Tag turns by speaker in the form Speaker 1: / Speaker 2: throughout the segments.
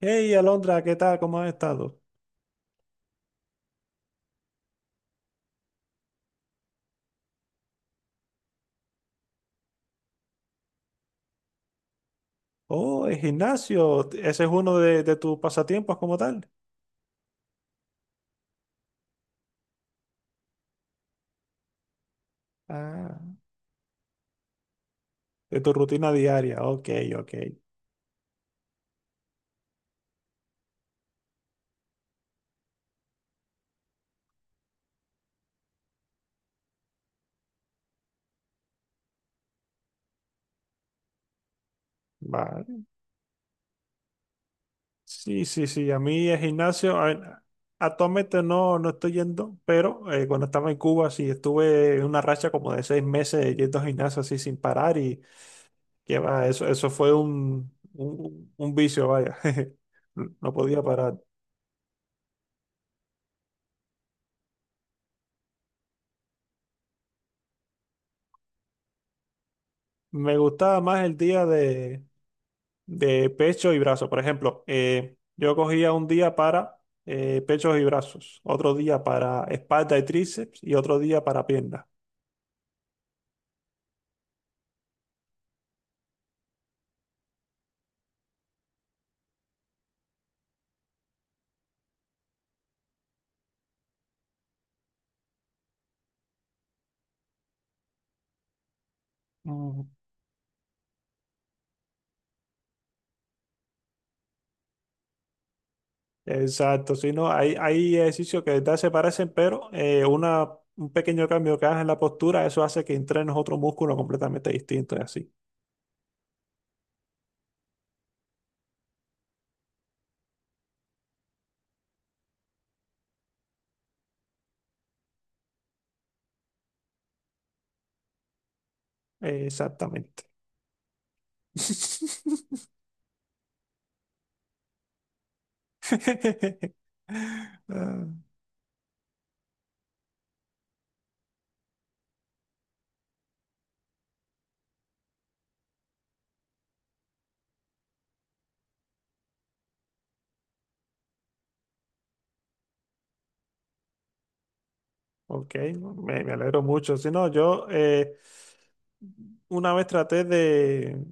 Speaker 1: Hey, Alondra, ¿qué tal? ¿Cómo has estado? Oh, el gimnasio, ese es uno de tus pasatiempos como tal. Ah, de tu rutina diaria. Ok, ok. Vale. Sí, sí, sí. A mí el gimnasio, ver, actualmente no, estoy yendo, pero cuando estaba en Cuba sí estuve en una racha como de 6 meses yendo al gimnasio así sin parar y que va, eso fue un vicio, vaya. No podía parar. Me gustaba más el día de pecho y brazos. Por ejemplo, yo cogía un día para pechos y brazos, otro día para espalda y tríceps y otro día para piernas. Mm. Exacto, sí, no, hay ejercicios que de verdad se parecen, pero un pequeño cambio que hagas en la postura, eso hace que entrenes otro músculo completamente distinto y así. Exactamente. Ah. Ok, me alegro mucho. Si no, yo una vez traté de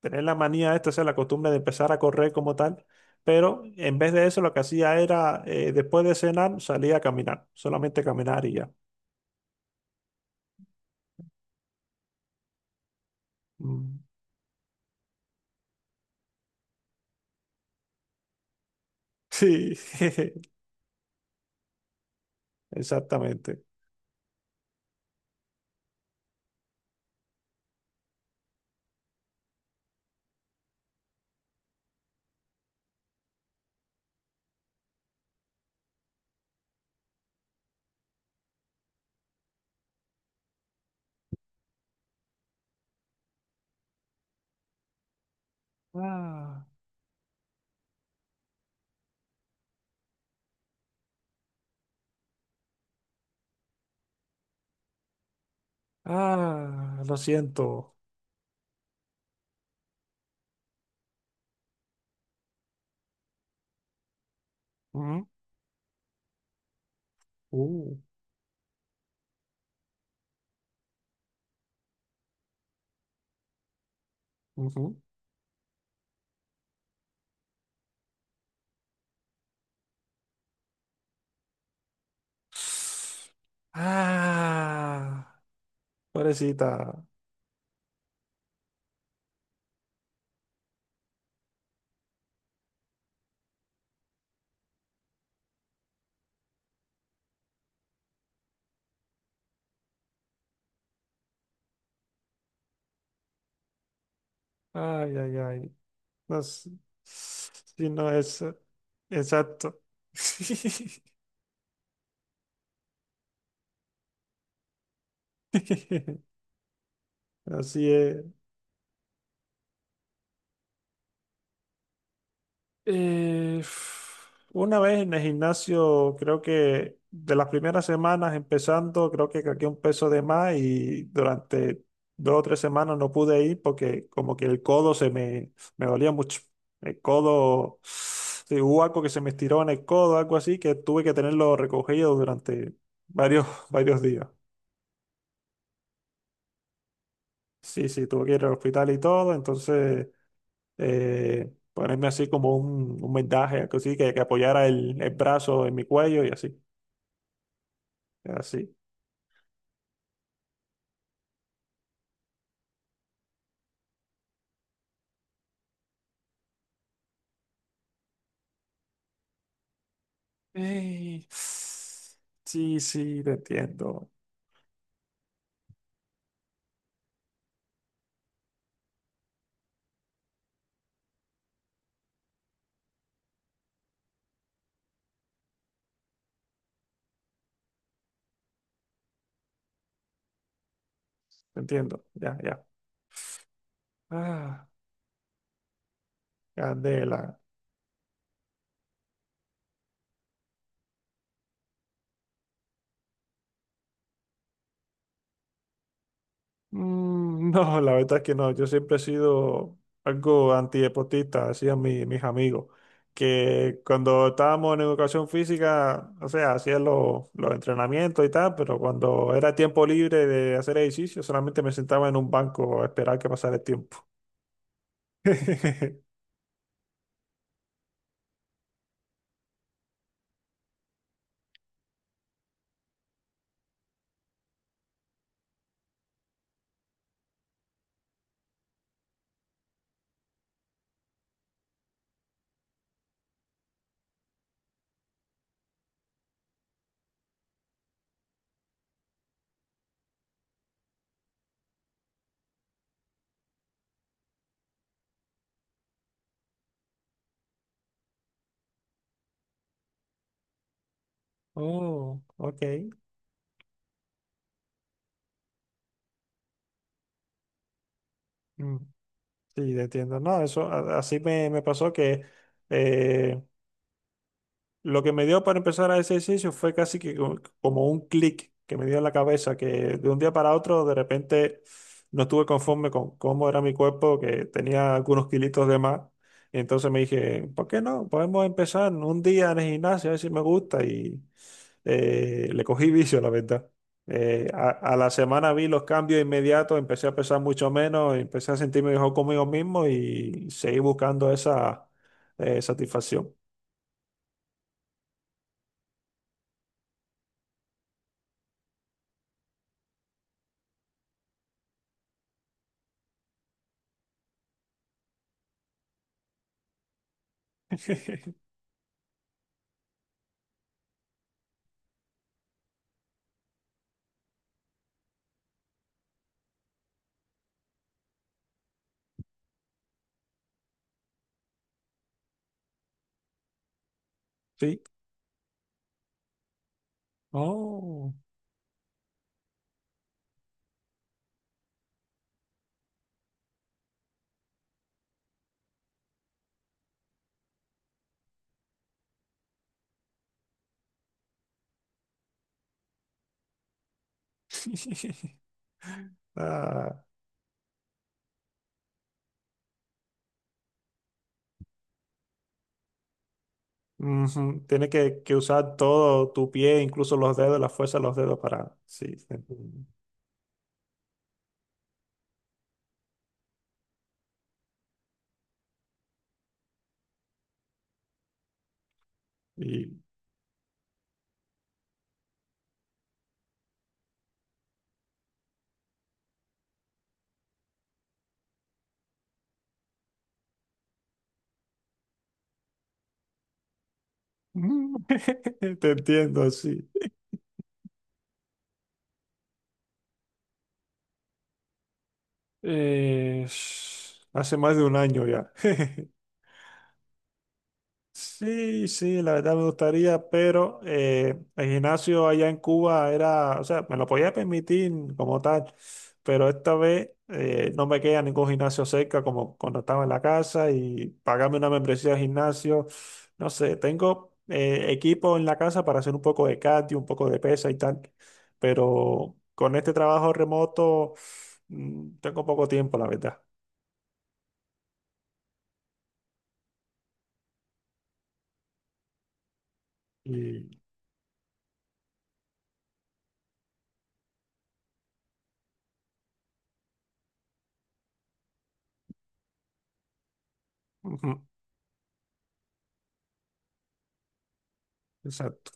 Speaker 1: tener la manía esta, o sea, la costumbre de empezar a correr como tal, pero en vez de eso lo que hacía era, después de cenar, salía a caminar, solamente caminar y ya. Mm. Sí, exactamente. Ah. Ah, lo siento. Ujú. uh, Ujú. Ah, pobrecita. Ay, ay, ay. No sé. Si no es. Exacto. Así es. Eh, una vez en el gimnasio, creo que de las primeras semanas empezando, creo que cargué un peso de más y durante 2 o 3 semanas no pude ir porque como que el codo se me, me dolía mucho. El codo, sí, hubo algo que se me estiró en el codo, algo así, que tuve que tenerlo recogido durante varios, varios días. Sí, sí, tuve que ir al hospital y todo, entonces... ponerme así como un vendaje, algo así, que apoyara el brazo en mi cuello y así, así. Ey, sí, sí, te entiendo, ya, ya. Ah, candela. Mm. No, la verdad es que no. Yo siempre he sido algo antideportista, decían mis amigos, que cuando estábamos en educación física, o sea, hacían los entrenamientos y tal, pero cuando era tiempo libre de hacer ejercicio, solamente me sentaba en un banco a esperar que pasara el tiempo. Oh, ok. Mm, sí, te entiendo. No, eso así me pasó que eh, lo que me dio para empezar a ese ejercicio fue casi que como un clic que me dio en la cabeza, que de un día para otro de repente no estuve conforme con cómo era mi cuerpo, que tenía algunos kilitos de más. Y entonces me dije, ¿por qué no? Podemos empezar un día en el gimnasio, a ver si me gusta. Y le cogí vicio, la verdad. A la semana vi los cambios inmediatos, empecé a pesar mucho menos, empecé a sentirme mejor conmigo mismo y seguí buscando esa satisfacción. Sí. Oh. Ah, ujú. Tiene que usar todo tu pie, incluso los dedos, la fuerza de los dedos para... Sí, te entiendo. Y... Mm, te entiendo, sí. Eh, hace más de un año ya. Sí, sí, la verdad me gustaría, pero el gimnasio allá en Cuba era, o sea, me lo podía permitir como tal, pero esta vez no me queda ningún gimnasio cerca como cuando estaba en la casa y pagarme una membresía de gimnasio, no sé, tengo equipo en la casa para hacer un poco de cardio, un poco de pesa y tal, pero con este trabajo remoto mm, tengo poco tiempo, la verdad. Y, ujú, exacto.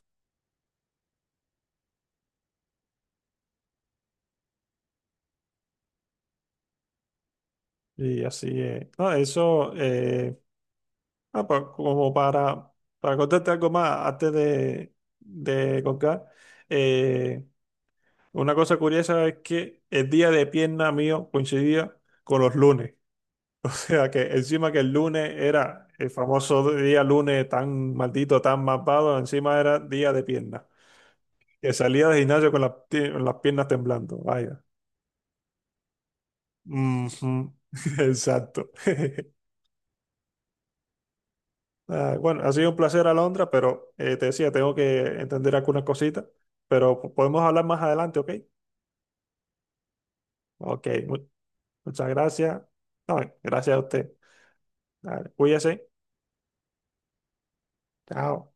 Speaker 1: Y así es. No, eso, como para contarte algo más antes de colgar, eh, una cosa curiosa es que el día de pierna mío coincidía con los lunes. O sea que encima que el lunes era el famoso día lunes tan maldito, tan malvado, encima era día de pierna. Que salía del gimnasio con las, con las piernas temblando, vaya. Ujú. Exacto. Ah, bueno, ha sido un placer, Alondra, pero te decía, tengo que entender algunas cositas, pero podemos hablar más adelante, ¿ok? Ok, muchas gracias. No, gracias a usted. Dale, cuídese. Chao.